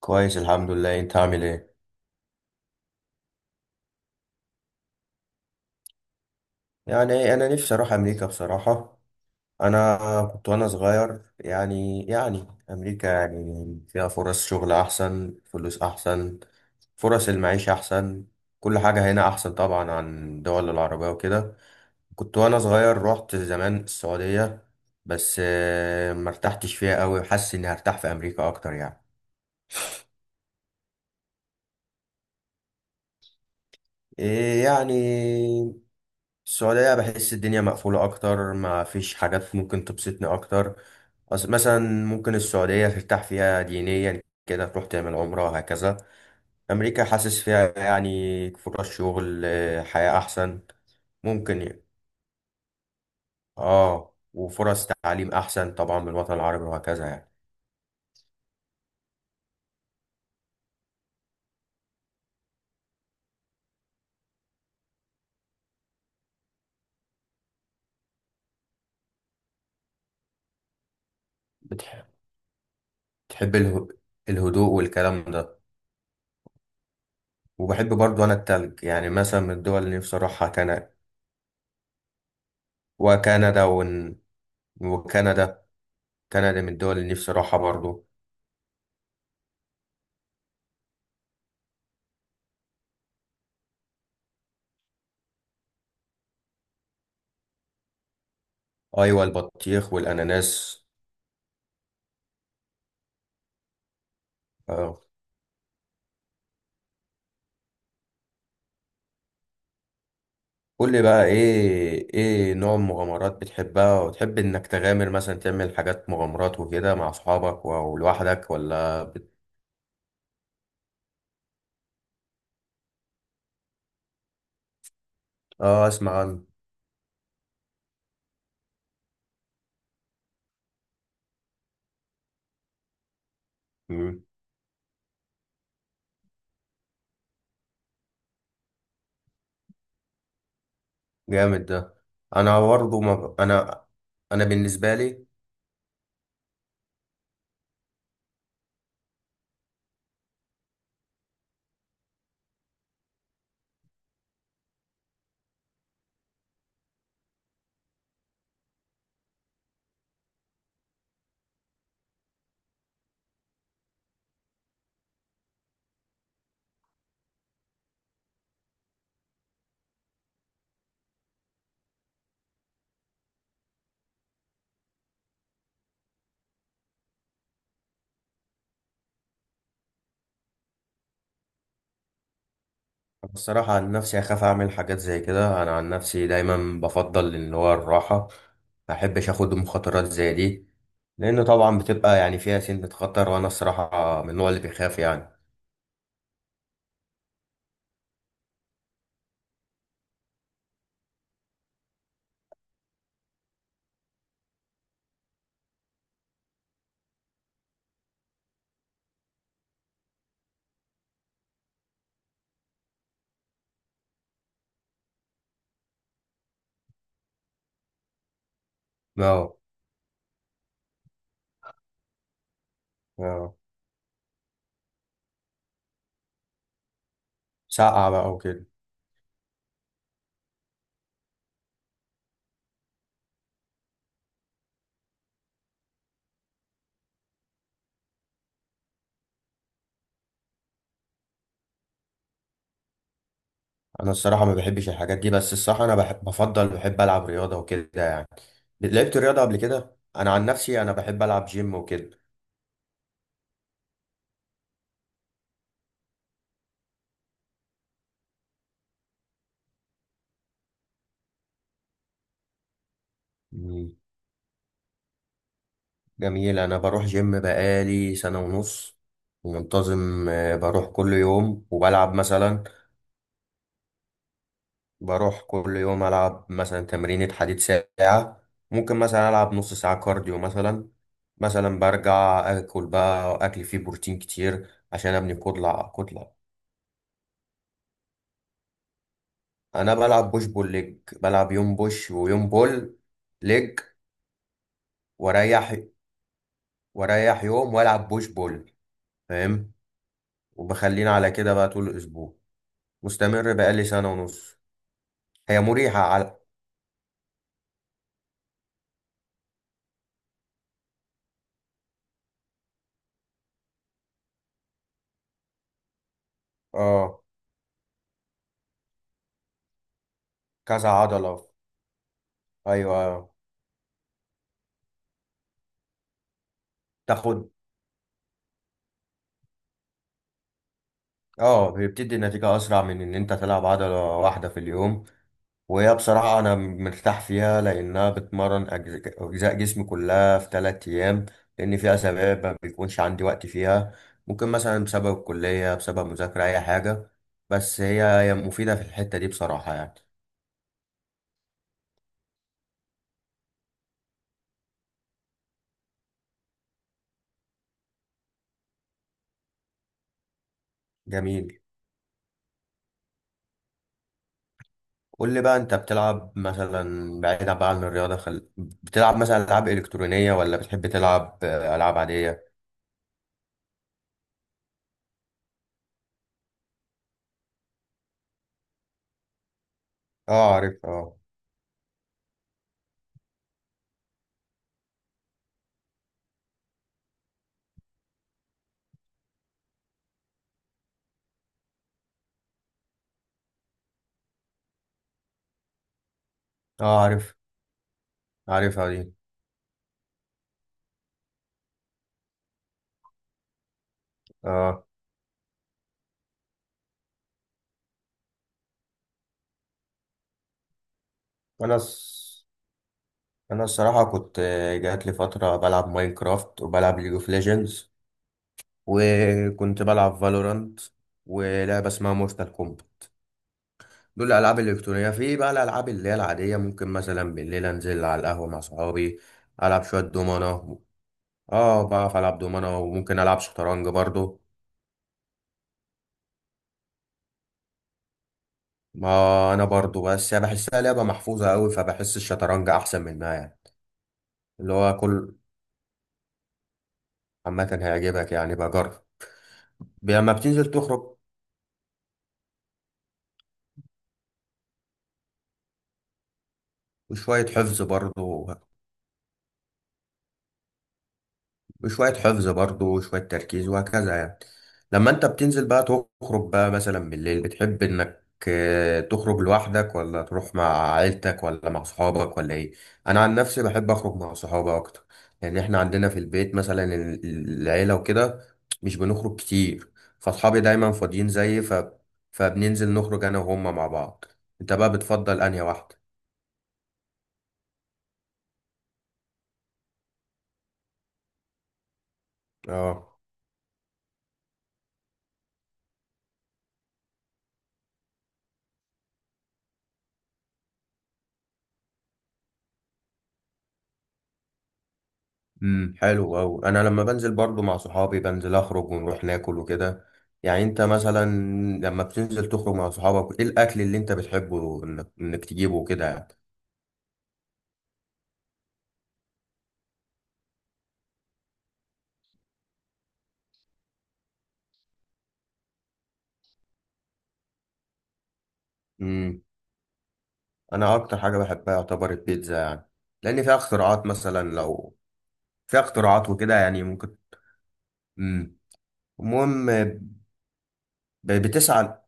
كويس، الحمد لله. انت عامل ايه؟ يعني انا نفسي اروح امريكا بصراحة. انا كنت وانا صغير يعني امريكا يعني فيها فرص شغل احسن، فلوس احسن. فرص المعيشة احسن. كل حاجة هنا احسن طبعا عن دول العربية وكده. كنت وانا صغير رحت زمان السعودية. بس ما ارتحتش فيها قوي، حاسس اني هرتاح في امريكا اكتر يعني. إيه يعني، السعودية بحس الدنيا مقفولة أكتر، ما فيش حاجات ممكن تبسطني أكتر. مثلا، ممكن السعودية ترتاح فيها دينيا كده، تروح تعمل عمرة وهكذا. أمريكا حاسس فيها يعني فرص شغل، حياة أحسن ممكن يعني. وفرص تعليم أحسن طبعا من الوطن العربي وهكذا يعني. بتح- بتحب الهدوء والكلام ده؟ وبحب برضو أنا التلج، يعني مثلا من الدول اللي نفسي أروحها كندا. وكندا ون- وكندا كندا من الدول اللي نفسي أروحها برضو. ايوه، البطيخ والاناناس. اه. قول لي بقى، ايه نوع المغامرات بتحبها وتحب انك تغامر، مثلا تعمل حاجات مغامرات وكده مع اصحابك ولوحدك؟ اه، اسمع عنه. مم. جامد ده. انا برضه ما ب... انا انا بالنسبه لي، الصراحه عن نفسي اخاف اعمل حاجات زي كده. انا عن نفسي دايما بفضل ان هو الراحه، ما احبش اخد مخاطرات زي دي، لان طبعا بتبقى يعني فيها سنة خطر، وانا الصراحه من النوع اللي بيخاف يعني. اه. اه، سقعة بقى وكده. انا الصراحة ما بحبش الحاجات دي، بس الصراحة انا بفضل بحب العب رياضة وكده يعني. لعبت رياضة قبل كده، انا عن نفسي انا بحب العب جيم وكده. مم. جميل. انا بروح جيم بقالي سنة ونص، منتظم. بروح كل يوم وبلعب مثلا. بروح كل يوم العب مثلا تمرينة حديد ساعة، ممكن مثلا العب نص ساعة كارديو مثلا. مثلا برجع اكل بقى، اكل فيه بروتين كتير عشان ابني كتلة كتلة. انا بلعب بوش بول ليج، بلعب يوم بوش ويوم بول ليج. واريح واريح يوم والعب بوش بول. فاهم. وبخلينا على كده بقى طول الاسبوع، مستمر بقالي سنة ونص. هي مريحة على. اه، كذا عضلة. ايوه. تاخد. اه، بتدي نتيجة اسرع من ان انت تلعب عضلة واحدة في اليوم، وهي بصراحة أنا مرتاح فيها لأنها بتمرن أجزاء جسمي كلها في 3 أيام. لأن في أسابيع ما بيكونش عندي وقت فيها، ممكن مثلا بسبب الكلية، بسبب مذاكرة أي حاجة. بس هي مفيدة في الحتة دي بصراحة يعني. جميل. قول لي بقى، أنت بتلعب مثلا بعيدا بقى عن الرياضة، بتلعب مثلا ألعاب إلكترونية، ولا بتحب تلعب ألعاب عادية؟ اه، عارف. اه. اه، عارف، عارفها دي. اه، أنا الصراحه كنت. جات لي فتره بلعب ماينكرافت، وبلعب ليج اوف ليجندز، وكنت بلعب فالورانت، ولعبه اسمها مورتال كومبات. دول الالعاب الالكترونيه. في بقى الالعاب اللي هي العاديه، ممكن مثلا بالليل انزل على القهوه مع صحابي، العب شويه دومنه. اه، بعرف العب دومنه وممكن العب شطرنج برضو. ما انا برضو، بس يعني بحسها لعبه محفوظه قوي، فبحس الشطرنج احسن منها يعني. اللي هو كل، عامه هيعجبك يعني بجرب. لما بتنزل تخرج. وشوية حفظ برضه وشوية حفظ برضه وشوية تركيز وهكذا يعني. لما انت بتنزل بقى تخرج بقى مثلا بالليل، بتحب انك تخرج لوحدك، ولا تروح مع عيلتك، ولا مع صحابك، ولا ايه؟ انا عن نفسي بحب اخرج مع صحابي اكتر، لان احنا عندنا في البيت مثلا العيلة وكده، مش بنخرج كتير. فاصحابي دايما فاضيين زيي. فبننزل نخرج انا وهم مع بعض. انت بقى بتفضل انهي واحدة؟ اه. حلو أوي. أنا لما بنزل برضو مع صحابي بنزل أخرج ونروح ناكل وكده يعني. أنت مثلا لما بتنزل تخرج مع صحابك، إيه الأكل اللي أنت بتحبه إنك تجيبه وكده يعني؟ امم أنا أكتر حاجة بحبها يعتبر البيتزا يعني. لأن فيها اختراعات، مثلا لو فيها اختراعات وكده يعني ممكن. امم المهم، بتسأل.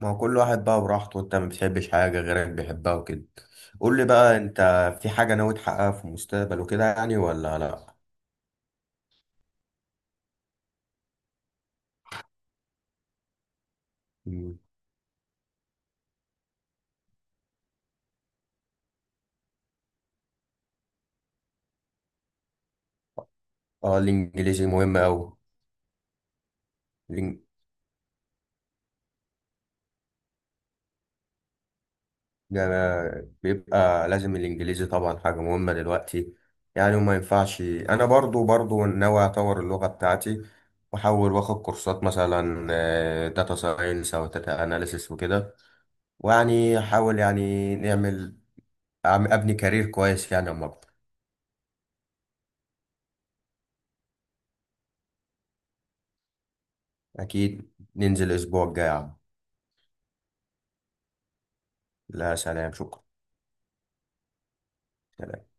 ما هو كل واحد بقى براحته، وأنت ما بتحبش حاجة غيرك بيحبها وكده. قول لي بقى، أنت في حاجة ناوي تحققها في المستقبل وكده يعني، ولا لأ؟ امم. اه، الانجليزي مهم اوي. الإن- ده أنا بيبقى لازم الانجليزي طبعا حاجة مهمة دلوقتي. يعني وما ينفعش، انا برضو ناوي اطور اللغة بتاعتي. واحاول واخد كورسات مثلا داتا ساينس او داتا اناليسيس وكده. ويعني احاول يعني نعمل ابني كارير كويس يعني اما اكبر. اكيد ننزل الاسبوع الجاي يا عم. لا، سلام، شكرا. سلام.